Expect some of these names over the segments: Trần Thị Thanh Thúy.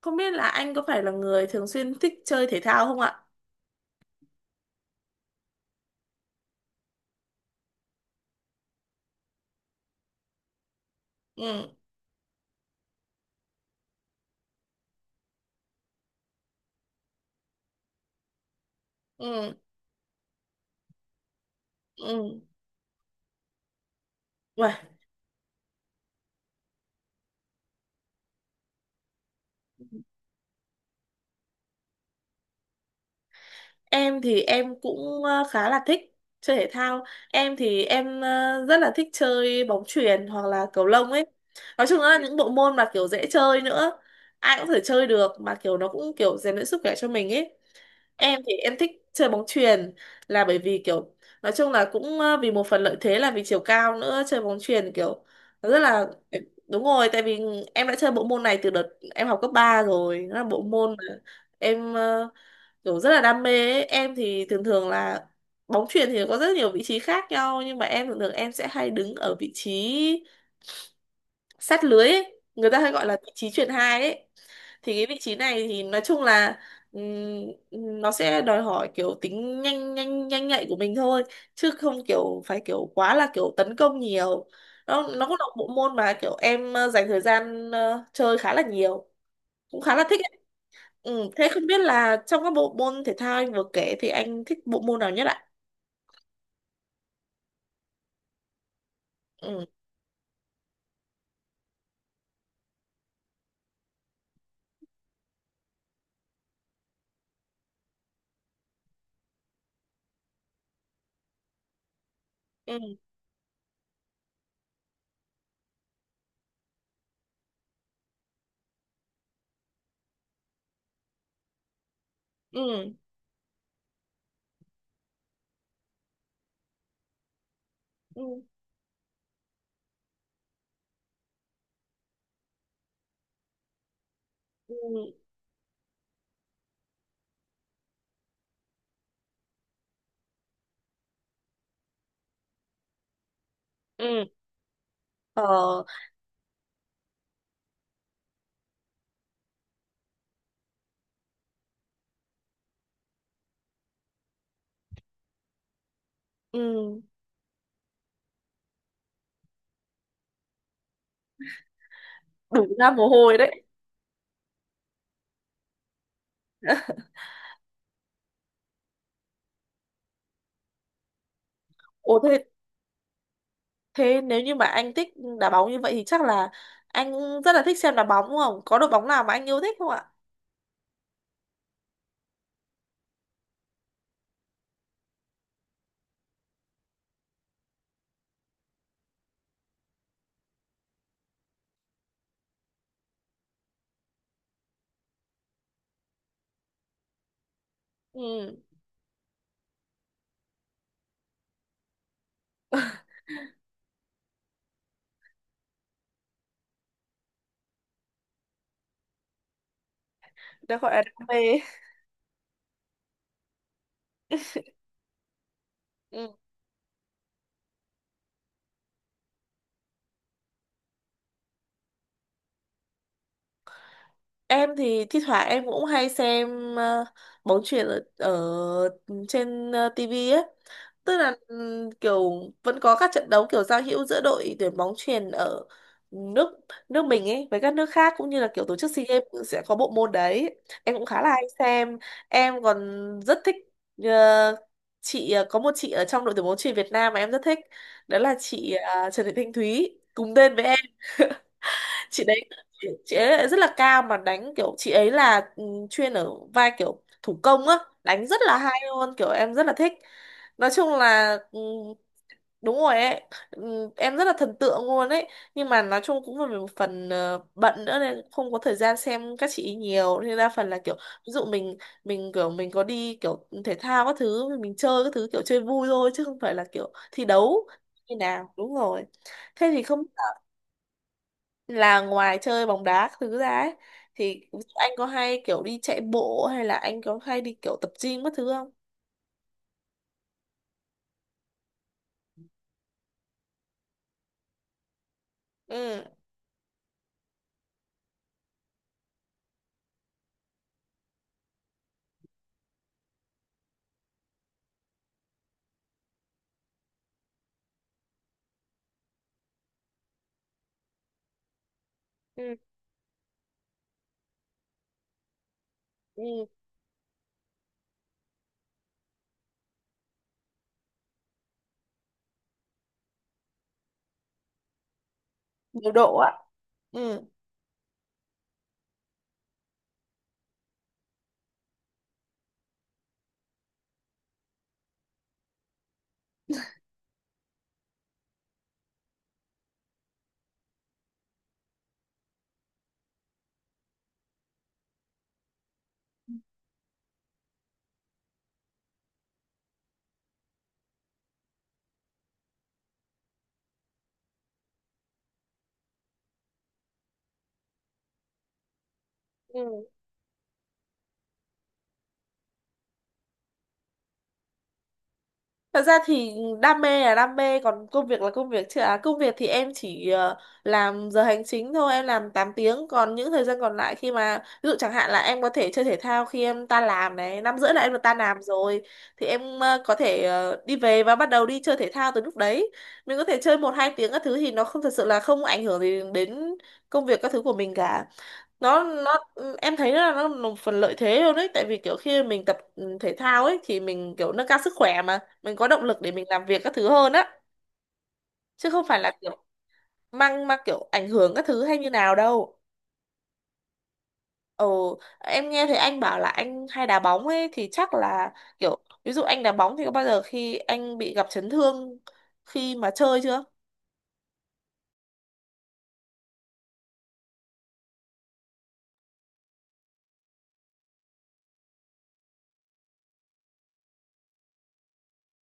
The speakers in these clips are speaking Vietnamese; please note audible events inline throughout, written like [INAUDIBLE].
Không biết là anh có phải là người thường xuyên thích chơi thể thao không ạ? Ừ, ừ, ừ. Uầy, em thì em cũng khá là thích chơi thể thao. Em thì em rất là thích chơi bóng chuyền hoặc là cầu lông ấy. Nói chung là những bộ môn mà kiểu dễ chơi nữa. Ai cũng có thể chơi được mà kiểu nó cũng kiểu rèn luyện sức khỏe cho mình ấy. Em thì em thích chơi bóng chuyền là bởi vì kiểu nói chung là cũng vì một phần lợi thế là vì chiều cao nữa, chơi bóng chuyền kiểu nó rất là đúng rồi, tại vì em đã chơi bộ môn này từ đợt em học cấp 3 rồi. Nó là bộ môn mà em kiểu rất là đam mê ấy. Em thì thường thường là bóng chuyền thì có rất nhiều vị trí khác nhau, nhưng mà em thường thường em sẽ hay đứng ở vị trí sát lưới ấy. Người ta hay gọi là vị trí chuyền 2 ấy. Thì cái vị trí này thì nói chung là ừm, nó sẽ đòi hỏi kiểu tính nhanh nhanh nhanh nhạy của mình thôi, chứ không kiểu phải kiểu quá là kiểu tấn công nhiều. Nó cũng là một bộ môn mà kiểu em dành thời gian chơi khá là nhiều, cũng khá là thích ấy. Ừ, thế không biết là trong các bộ môn thể thao anh vừa kể thì anh thích bộ môn nào nhất ạ? Ừ, ừ, ừ, ừ, ừ, ừ. ờ ừ, đổ ra mồ hôi đấy. Ồ thế, thế nếu như mà anh thích đá bóng như vậy thì chắc là anh rất là thích xem đá bóng đúng không? Có đội bóng nào mà anh yêu thích không ạ? Ừ, đó gọi là đam mê. Ừ. Em thì thi thoảng em cũng hay xem bóng chuyền ở trên tivi ấy. Tức là kiểu vẫn có các trận đấu kiểu giao hữu giữa đội tuyển bóng chuyền ở nước nước mình ấy với các nước khác, cũng như là kiểu tổ chức si Games cũng sẽ có bộ môn đấy. Em cũng khá là hay xem. Em còn rất thích ờ, chị có một chị ở trong đội tuyển bóng chuyền Việt Nam mà em rất thích, đó là chị Trần Thị Thanh Thúy, cùng tên với em. Chị đấy, chị ấy lại rất là cao, mà đánh kiểu chị ấy là chuyên ở vai kiểu thủ công á, đánh rất là hay luôn, kiểu em rất là thích. Nói chung là ừ, đúng rồi ấy. Em rất là thần tượng luôn ấy. Nhưng mà nói chung cũng vì một phần bận nữa nên không có thời gian xem các chị ý nhiều. Nên đa phần là kiểu ví dụ mình kiểu mình có đi kiểu thể thao các thứ, mình chơi các thứ kiểu chơi vui thôi chứ không phải là kiểu thi đấu như nào. Đúng rồi. Thế thì không, là ngoài chơi bóng đá các thứ ra ấy, thì ví dụ anh có hay kiểu đi chạy bộ hay là anh có hay đi kiểu tập gym các thứ không? Ừ. Ừ. Ừ. Điều độ ạ. Ừ. Ừ. Thật ra thì đam mê là đam mê, còn công việc là công việc chứ à. Công việc thì em chỉ làm giờ hành chính thôi, em làm 8 tiếng. Còn những thời gian còn lại khi mà ví dụ chẳng hạn là em có thể chơi thể thao khi em tan làm này, 5h30 là em được tan làm rồi thì em có thể đi về và bắt đầu đi chơi thể thao từ lúc đấy. Mình có thể chơi 1-2 tiếng các thứ thì nó không thật sự là không ảnh hưởng gì đến công việc các thứ của mình cả. Nó em thấy là nó là một phần lợi thế luôn đấy, tại vì kiểu khi mình tập thể thao ấy thì mình kiểu nâng cao sức khỏe, mà mình có động lực để mình làm việc các thứ hơn á, chứ không phải là kiểu mang mang kiểu ảnh hưởng các thứ hay như nào đâu. Ồ em nghe thấy anh bảo là anh hay đá bóng ấy thì chắc là kiểu ví dụ anh đá bóng thì có bao giờ khi anh bị gặp chấn thương khi mà chơi chưa?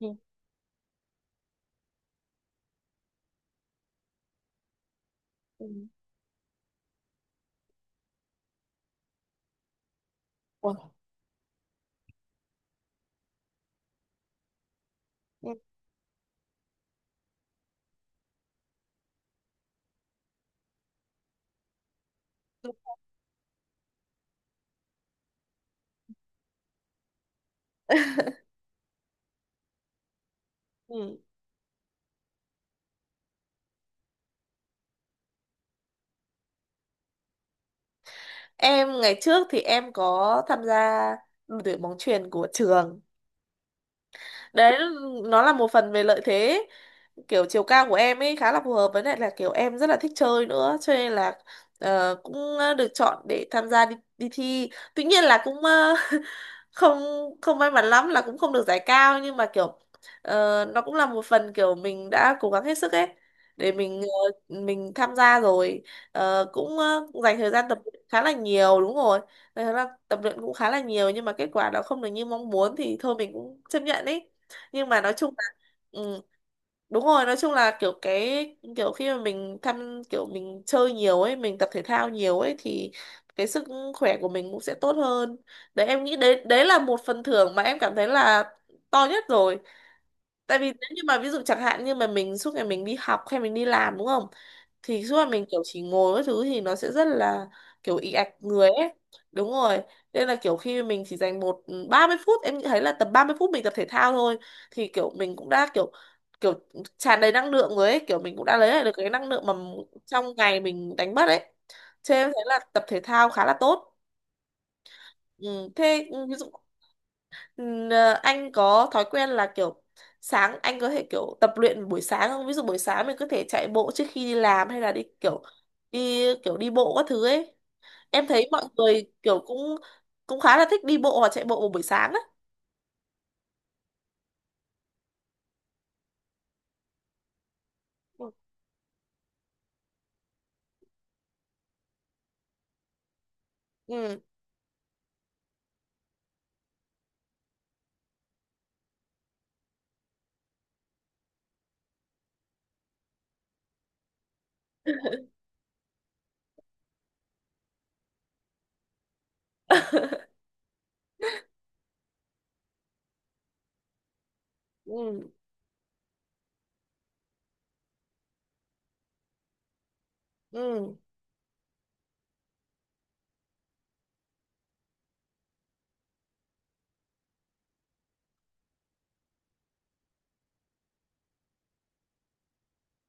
Ừ. Ừ. Ủa. Ừ. Ừ. Em ngày trước thì em có tham gia đội tuyển bóng chuyền của trường đấy. Nó là một phần về lợi thế, kiểu chiều cao của em ấy khá là phù hợp, với lại là kiểu em rất là thích chơi nữa, cho nên là cũng được chọn để tham gia đi thi. Tuy nhiên là cũng [LAUGHS] không không may mắn lắm là cũng không được giải cao, nhưng mà kiểu nó cũng là một phần kiểu mình đã cố gắng hết sức ấy để mình mình tham gia rồi. Ờ, cũng dành thời gian tập luyện khá là nhiều, đúng rồi. Dành thời gian tập luyện cũng khá là nhiều, nhưng mà kết quả nó không được như mong muốn thì thôi mình cũng chấp nhận ý. Nhưng mà nói chung là ừ, đúng rồi. Nói chung là kiểu cái kiểu khi mà mình thăm, kiểu mình chơi nhiều ấy, mình tập thể thao nhiều ấy, thì cái khỏe của mình cũng sẽ tốt hơn đấy. Em nghĩ đấy, đấy là một phần thưởng mà em cảm thấy là to nhất rồi. Tại vì nếu như mà ví dụ chẳng hạn như mà mình suốt ngày mình đi học hay mình đi làm đúng không, thì suốt ngày mình kiểu chỉ ngồi các thứ thì nó sẽ rất là kiểu ì ạch người ấy, đúng rồi. Nên là kiểu khi mình chỉ dành một 30 phút, em thấy là tầm 30 phút mình tập thể thao thôi thì kiểu mình cũng đã kiểu kiểu tràn đầy năng lượng rồi ấy, kiểu mình cũng đã lấy lại được cái năng lượng mà trong ngày mình đánh mất ấy, cho em thấy là tập thể thao khá là tốt. Ừ, thế ừ, ví dụ ừm, anh có thói quen là kiểu sáng, anh có thể kiểu tập luyện buổi sáng không? Ví dụ buổi sáng mình có thể chạy bộ trước khi đi làm, hay là đi kiểu đi bộ các thứ ấy. Em thấy mọi người kiểu cũng cũng khá là thích đi bộ hoặc chạy bộ vào buổi sáng á. Ừ. Ừ. [LAUGHS] Ừ. Ừ.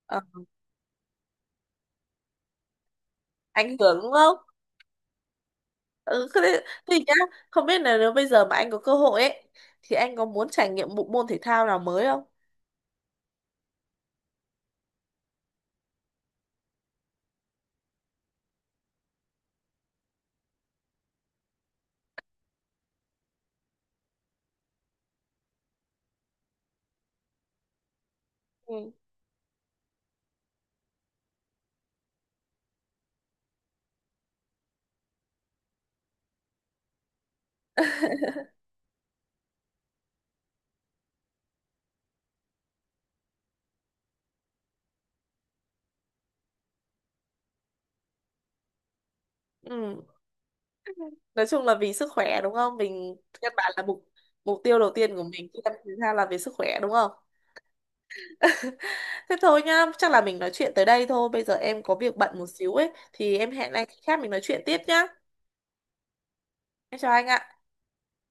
Ờ, ảnh hưởng đúng không? Ừ, thế thế thì nhá, không biết là nếu bây giờ mà anh có cơ hội ấy thì anh có muốn trải nghiệm bộ môn thể thao nào mới không? Ừ. [LAUGHS] Ừ. Nói chung là vì sức khỏe đúng không, mình căn bản là mục mục tiêu đầu tiên của mình khi đăng ký ra là về sức khỏe đúng không. [LAUGHS] Thế thôi nhá, chắc là mình nói chuyện tới đây thôi, bây giờ em có việc bận một xíu ấy thì em hẹn anh khác mình nói chuyện tiếp nhá. Em chào anh ạ.